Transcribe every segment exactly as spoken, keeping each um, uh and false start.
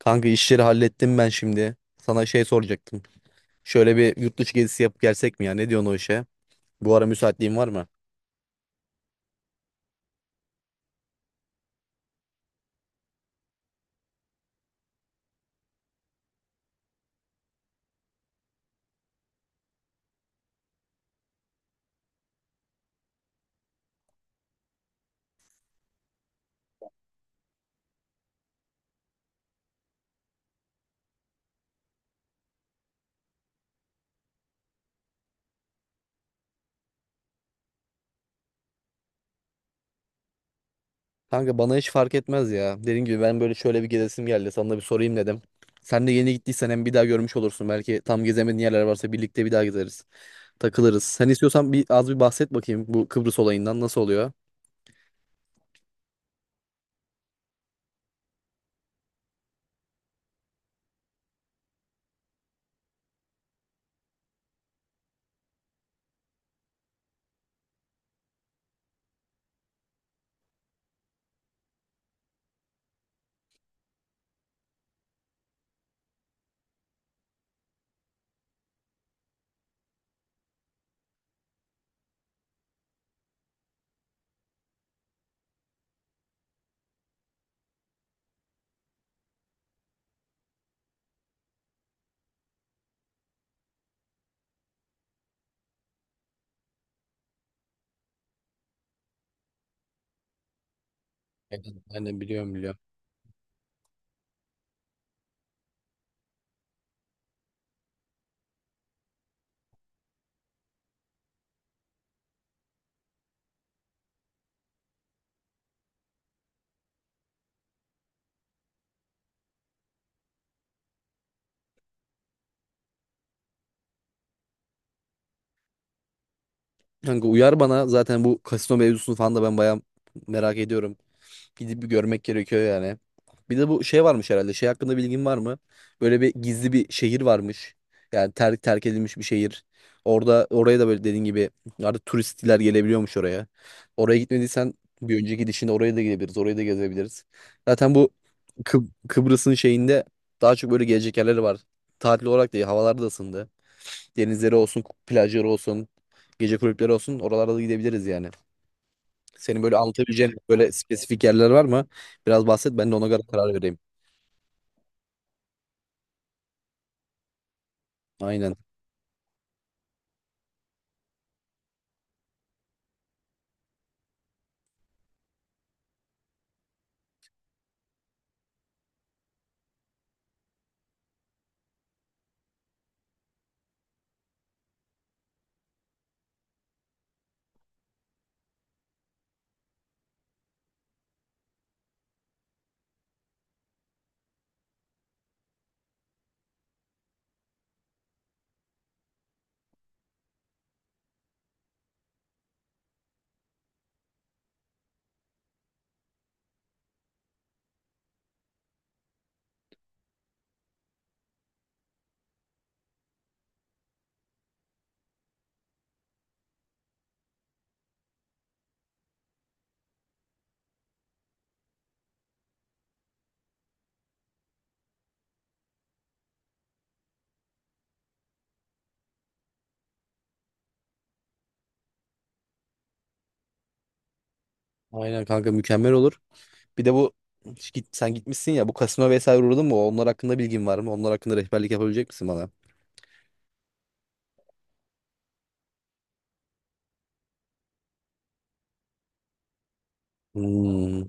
Kanka işleri hallettim ben şimdi. Sana şey soracaktım. Şöyle bir yurt dışı gezisi yapıp gelsek mi ya? Ne diyorsun o işe? Bu ara müsaitliğin var mı? Kanka bana hiç fark etmez ya. Dediğim gibi ben böyle şöyle bir gezesim geldi. Sana da bir sorayım dedim. Sen de yeni gittiysen hem bir daha görmüş olursun. Belki tam gezemediğin yerler varsa birlikte bir daha gezeriz. Takılırız. Sen istiyorsan bir az bir bahset bakayım bu Kıbrıs olayından nasıl oluyor? Evet, ben de biliyorum biliyorum. Kanka uyar bana zaten bu kasino mevzusunu falan da ben bayağı merak ediyorum. Gidip bir görmek gerekiyor yani. Bir de bu şey varmış herhalde. Şey hakkında bilgin var mı? Böyle bir gizli bir şehir varmış. Yani terk terk edilmiş bir şehir. Orada oraya da böyle dediğin gibi artık turistler gelebiliyormuş oraya. Oraya gitmediysen bir önceki gidişinde oraya da gidebiliriz. Orayı da gezebiliriz. Zaten bu Kıb- Kıbrıs'ın şeyinde daha çok böyle gelecek yerleri var. Tatil olarak değil, havalar da ısındı. Denizleri olsun, plajları olsun, gece kulüpleri olsun. Oralara da gidebiliriz yani. Senin böyle anlatabileceğin böyle spesifik yerler var mı? Biraz bahset ben de ona göre karar vereyim. Aynen. Aynen kanka mükemmel olur. Bir de bu hiç git, sen gitmişsin ya, bu kasino vesaire uğradın mı? Onlar hakkında bilgin var mı? Onlar hakkında rehberlik yapabilecek misin bana? Hmm.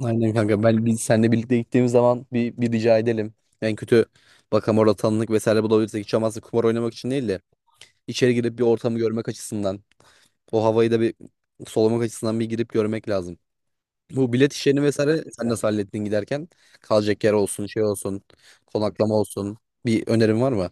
Aynen kanka, ben biz seninle birlikte gittiğimiz zaman bir, bir rica edelim. En kötü bakalım orada tanınık vesaire bulabilirsek, hiç olmazsa kumar oynamak için değil de içeri girip bir ortamı görmek açısından, o havayı da bir solumak açısından bir girip görmek lazım. Bu bilet işlerini vesaire sen nasıl hallettin giderken? Kalacak yer olsun, şey olsun, konaklama olsun. Bir önerin var mı?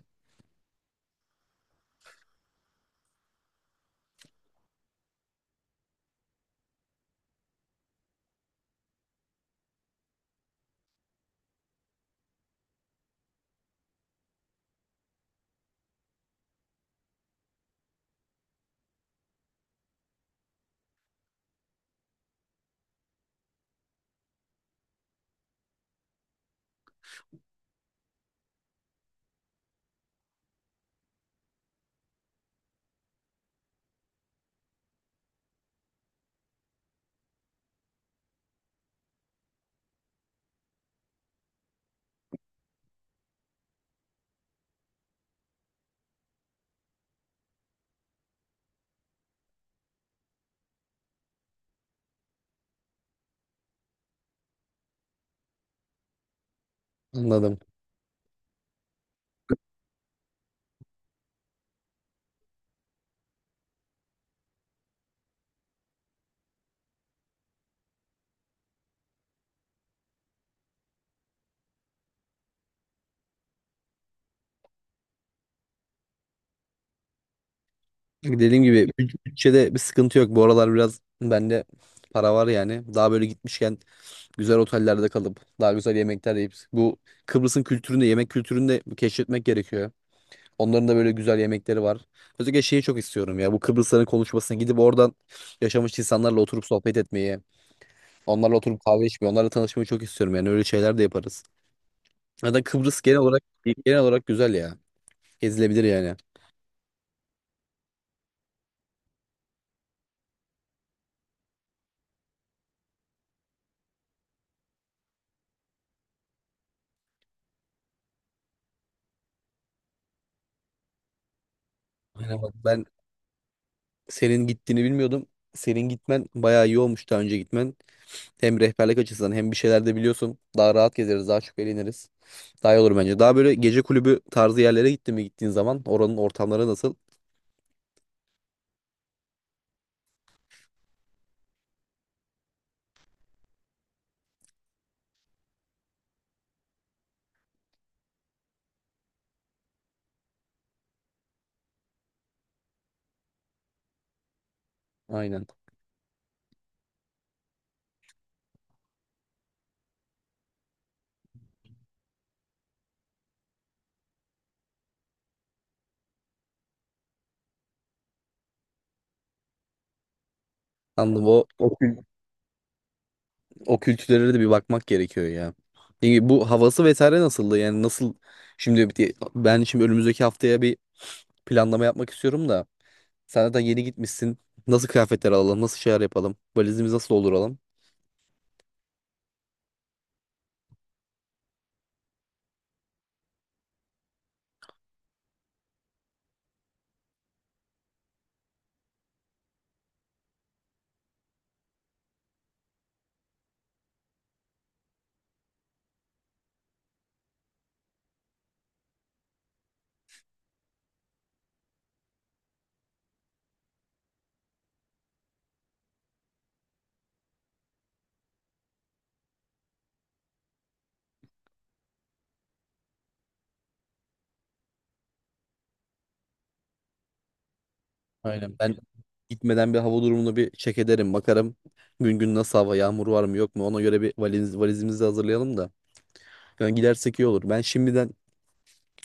Anladım. Dediğim gibi büt- bütçede bir sıkıntı yok. Bu aralar biraz bende para var yani. Daha böyle gitmişken güzel otellerde kalıp daha güzel yemekler yiyip bu Kıbrıs'ın kültürünü, yemek kültürünü de keşfetmek gerekiyor. Onların da böyle güzel yemekleri var. Özellikle şeyi çok istiyorum ya. Bu Kıbrısların konuşmasına gidip oradan yaşamış insanlarla oturup sohbet etmeyi, onlarla oturup kahve içmeyi, onlarla tanışmayı çok istiyorum. Yani öyle şeyler de yaparız. Ya da Kıbrıs genel olarak genel olarak güzel ya. Gezilebilir yani. Aynen bak, ben senin gittiğini bilmiyordum. Senin gitmen bayağı iyi olmuş, daha önce gitmen. Hem rehberlik açısından hem bir şeyler de biliyorsun. Daha rahat gezeriz, daha çok eğleniriz. Daha iyi olur bence. Daha böyle gece kulübü tarzı yerlere gittin mi, gittiğin zaman oranın ortamları nasıl? Aynen. Anladım. O, o, kü- o kültürlere de bir bakmak gerekiyor ya. Yani bu havası vesaire nasıldı? Yani nasıl, şimdi bir- ben şimdi önümüzdeki haftaya bir planlama yapmak istiyorum da. Sen zaten yeni gitmişsin. Nasıl kıyafetler alalım? Nasıl şeyler yapalım? Valizimizi nasıl dolduralım? Aynen. Ben gitmeden bir hava durumunu bir check ederim. Bakarım gün gün nasıl hava, yağmur var mı yok mu? Ona göre bir valiz, valizimizi hazırlayalım da. Yani gidersek iyi olur. Ben şimdiden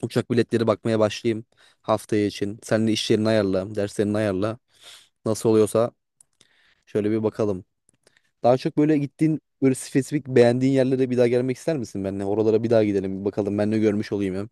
uçak biletleri bakmaya başlayayım haftaya için. Sen de işlerini ayarla, derslerini ayarla. Nasıl oluyorsa şöyle bir bakalım. Daha çok böyle gittiğin böyle spesifik beğendiğin yerlere bir daha gelmek ister misin benimle? Oralara bir daha gidelim bir bakalım. Ben ne görmüş olayım hem.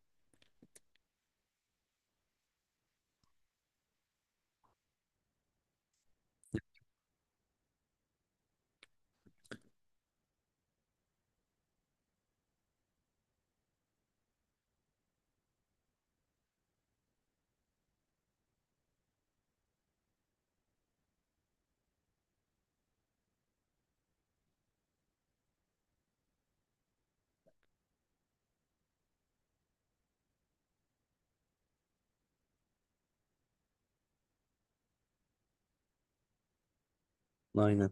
Aynen.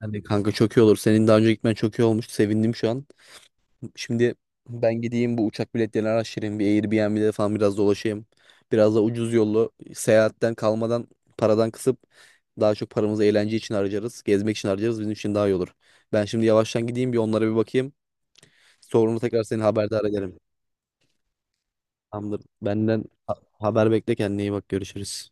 Hani kanka çok iyi olur. Senin daha önce gitmen çok iyi olmuş. Sevindim şu an. Şimdi ben gideyim bu uçak biletlerini araştırayım. Bir Airbnb'de falan biraz dolaşayım. Biraz da ucuz yollu seyahatten kalmadan paradan kısıp daha çok paramızı eğlence için harcarız. Gezmek için harcarız. Bizim için daha iyi olur. Ben şimdi yavaştan gideyim bir onlara bir bakayım. Sonra tekrar seni haberdar ederim. Tamamdır. Benden ha- haber bekle, kendine iyi bak, görüşürüz.